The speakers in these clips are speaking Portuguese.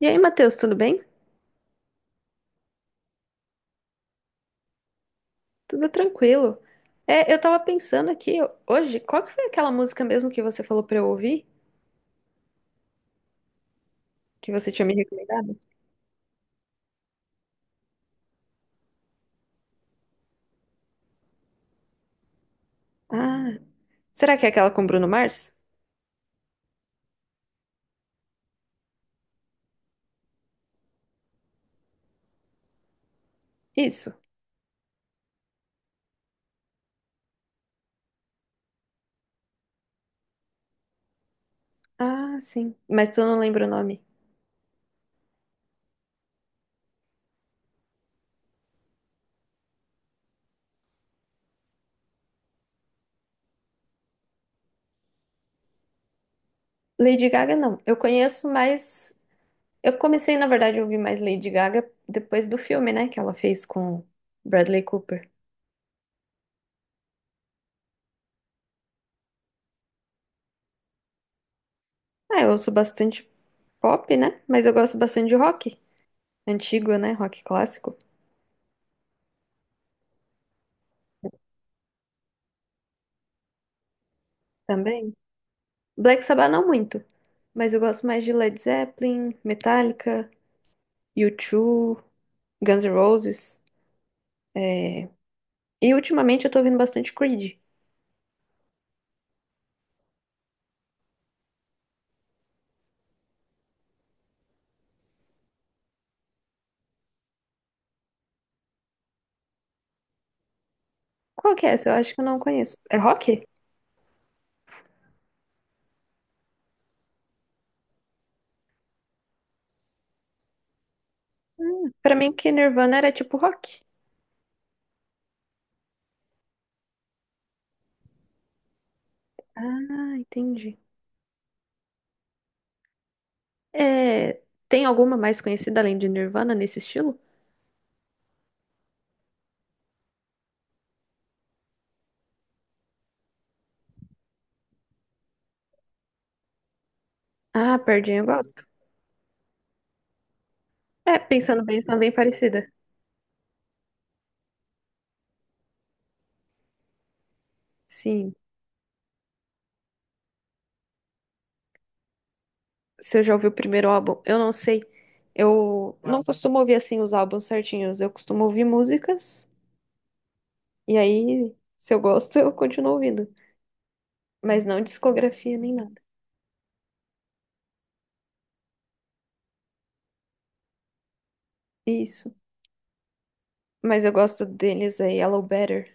E aí, Matheus, tudo bem? Tudo tranquilo. É, eu tava pensando aqui hoje, qual que foi aquela música mesmo que você falou pra eu ouvir? Que você tinha me recomendado? Ah, será que é aquela com Bruno Mars? Isso. Ah, sim. Mas tu não lembra o nome. Lady Gaga, não. Eu conheço mais. Eu comecei, na verdade, a ouvir mais Lady Gaga depois do filme, né? Que ela fez com Bradley Cooper. Ah, eu ouço bastante pop, né? Mas eu gosto bastante de rock. Antigo, né? Rock clássico. Também. Black Sabbath não muito, mas eu gosto mais de Led Zeppelin, Metallica, U2, Guns N' Roses. é, E ultimamente eu tô ouvindo bastante Creed. Qual que é essa? Eu acho que eu não conheço. É rock? Hum. Pra mim que Nirvana era tipo rock. Ah, entendi. É, tem alguma mais conhecida além de Nirvana nesse estilo? Ah, Pearl Jam eu gosto. É, pensando bem, são bem parecida. Sim, se eu já ouvi o primeiro álbum, eu não sei. Eu não costumo ouvir assim os álbuns certinhos. Eu costumo ouvir músicas e aí, se eu gosto, eu continuo ouvindo. Mas não discografia nem nada. Isso. Mas eu gosto deles aí, Hello Better.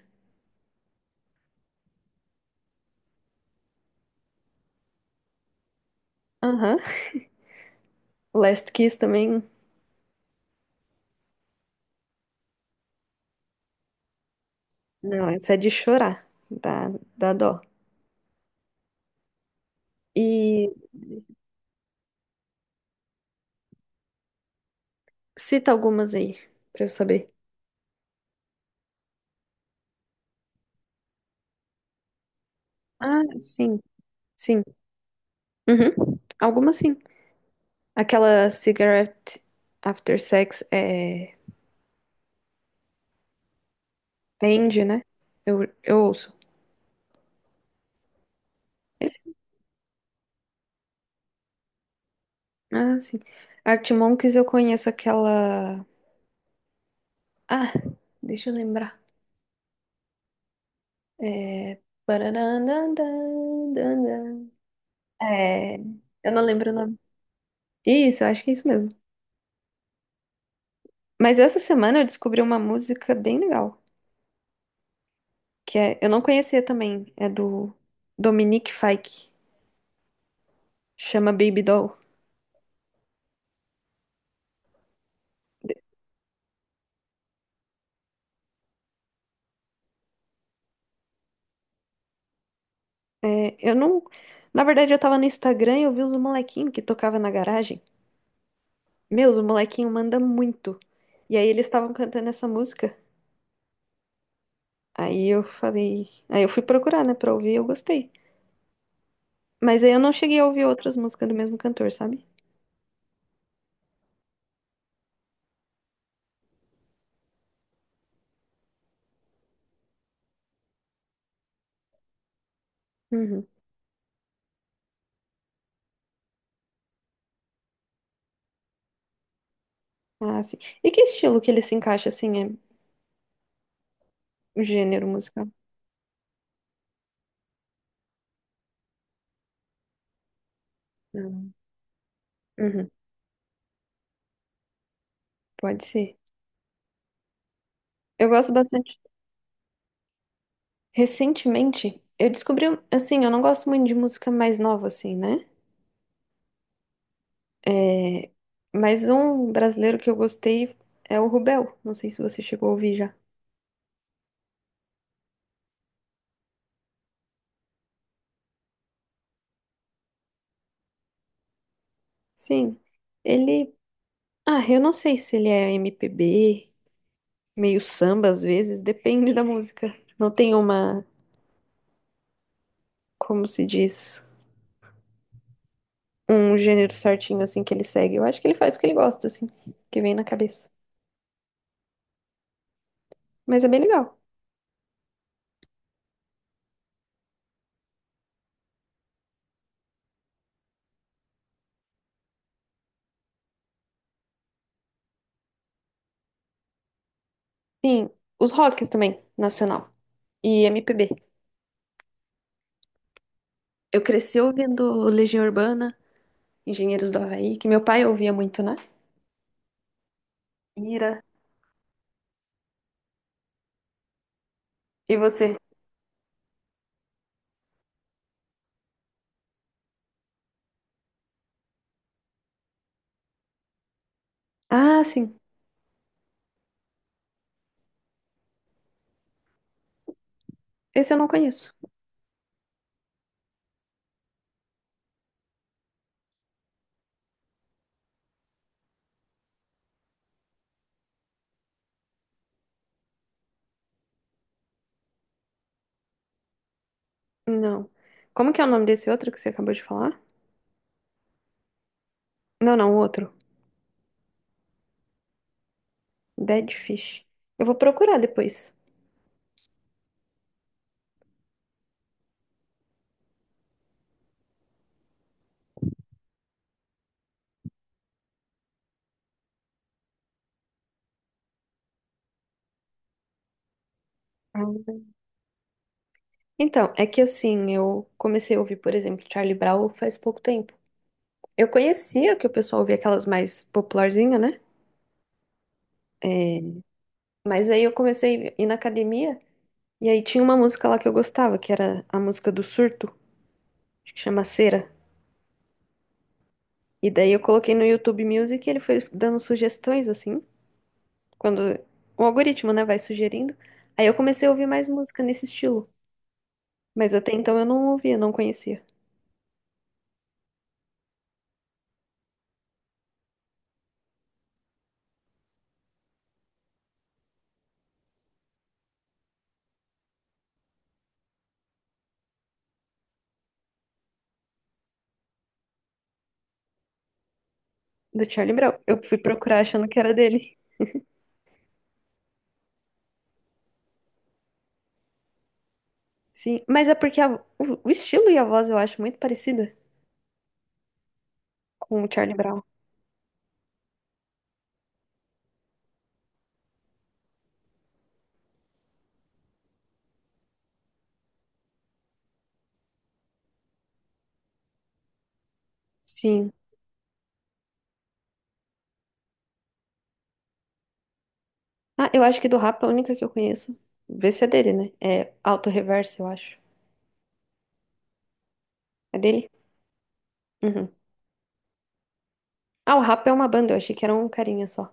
Aham. Last Kiss também. Não, essa é de chorar. Dá, dá dó. E cita algumas aí, pra eu saber. Ah, sim, sim. Uhum. Algumas sim. Aquela Cigarette After Sex é. Entende, né? Eu ouço. Esse? Ah, sim. Artimonks eu conheço aquela. Ah, deixa eu lembrar. É. Pararandandandandã. É. Eu não lembro o nome. Isso, eu acho que é isso mesmo. Mas essa semana eu descobri uma música bem legal. Que é. Eu não conhecia também. É do Dominique Fike. Chama Baby Doll. É, eu não. Na verdade, eu tava no Instagram e eu vi os molequinhos que tocava na garagem. Meus, o molequinho manda muito. E aí eles estavam cantando essa música. Aí eu falei. Aí eu fui procurar, né, pra ouvir, eu gostei. Mas aí eu não cheguei a ouvir outras músicas do mesmo cantor, sabe? Uhum. Ah, sim. E que estilo que ele se encaixa, assim, é gênero musical? Uhum. Uhum. Pode ser. Eu gosto bastante. Recentemente, eu descobri, um, assim, eu não gosto muito de música mais nova, assim, né? É... Mas um brasileiro que eu gostei é o Rubel. Não sei se você chegou a ouvir já. Sim. Ele, ah, eu não sei se ele é MPB, meio samba às vezes, depende da música. Não tem uma, como se diz, um gênero certinho assim que ele segue. Eu acho que ele faz o que ele gosta, assim, que vem na cabeça. Mas é bem legal. Sim, os rocks também, nacional. E MPB. Eu cresci ouvindo Legião Urbana, Engenheiros do Havaí, que meu pai ouvia muito, né? Ira. E você? Ah, sim. Esse eu não conheço. Não. Como que é o nome desse outro que você acabou de falar? Não, não, o outro. Dead Fish. Eu vou procurar depois. Ah, então, é que assim, eu comecei a ouvir, por exemplo, Charlie Brown faz pouco tempo. Eu conhecia que o pessoal ouvia aquelas mais popularzinhas, né? É, mas aí eu comecei a ir na academia e aí tinha uma música lá que eu gostava, que era a música do Surto, acho que chama Cera. E daí eu coloquei no YouTube Music e ele foi dando sugestões, assim, quando o algoritmo, né, vai sugerindo. Aí eu comecei a ouvir mais música nesse estilo. Mas até então eu não ouvia, não conhecia. Do Charlie Brown. Eu fui procurar achando que era dele. Sim, mas é porque o estilo e a voz eu acho muito parecida com o Charlie Brown. Sim. Ah, eu acho que do rap é a única que eu conheço. Vê se é dele, né? É Auto Reverso, eu acho. É dele? Uhum. Ah, o rap é uma banda, eu achei que era um carinha só.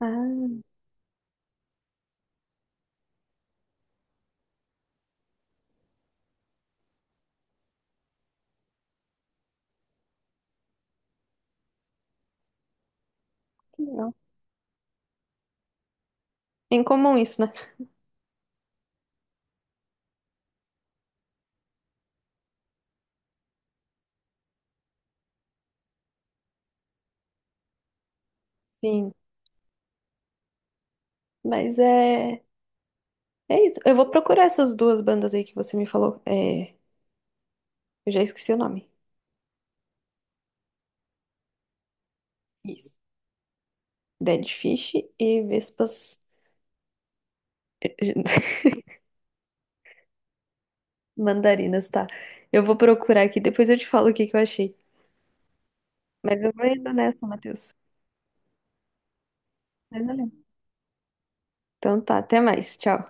Ah, que legal. É incomum isso, né? Sim. Mas é. É isso. Eu vou procurar essas duas bandas aí que você me falou. É... Eu já esqueci o nome. Isso. Dead Fish e Vespas. Mandarinas, tá. Eu vou procurar aqui, depois eu te falo o que que eu achei. Mas eu vou indo nessa, Matheus. Mas valeu. Então tá, até mais. Tchau.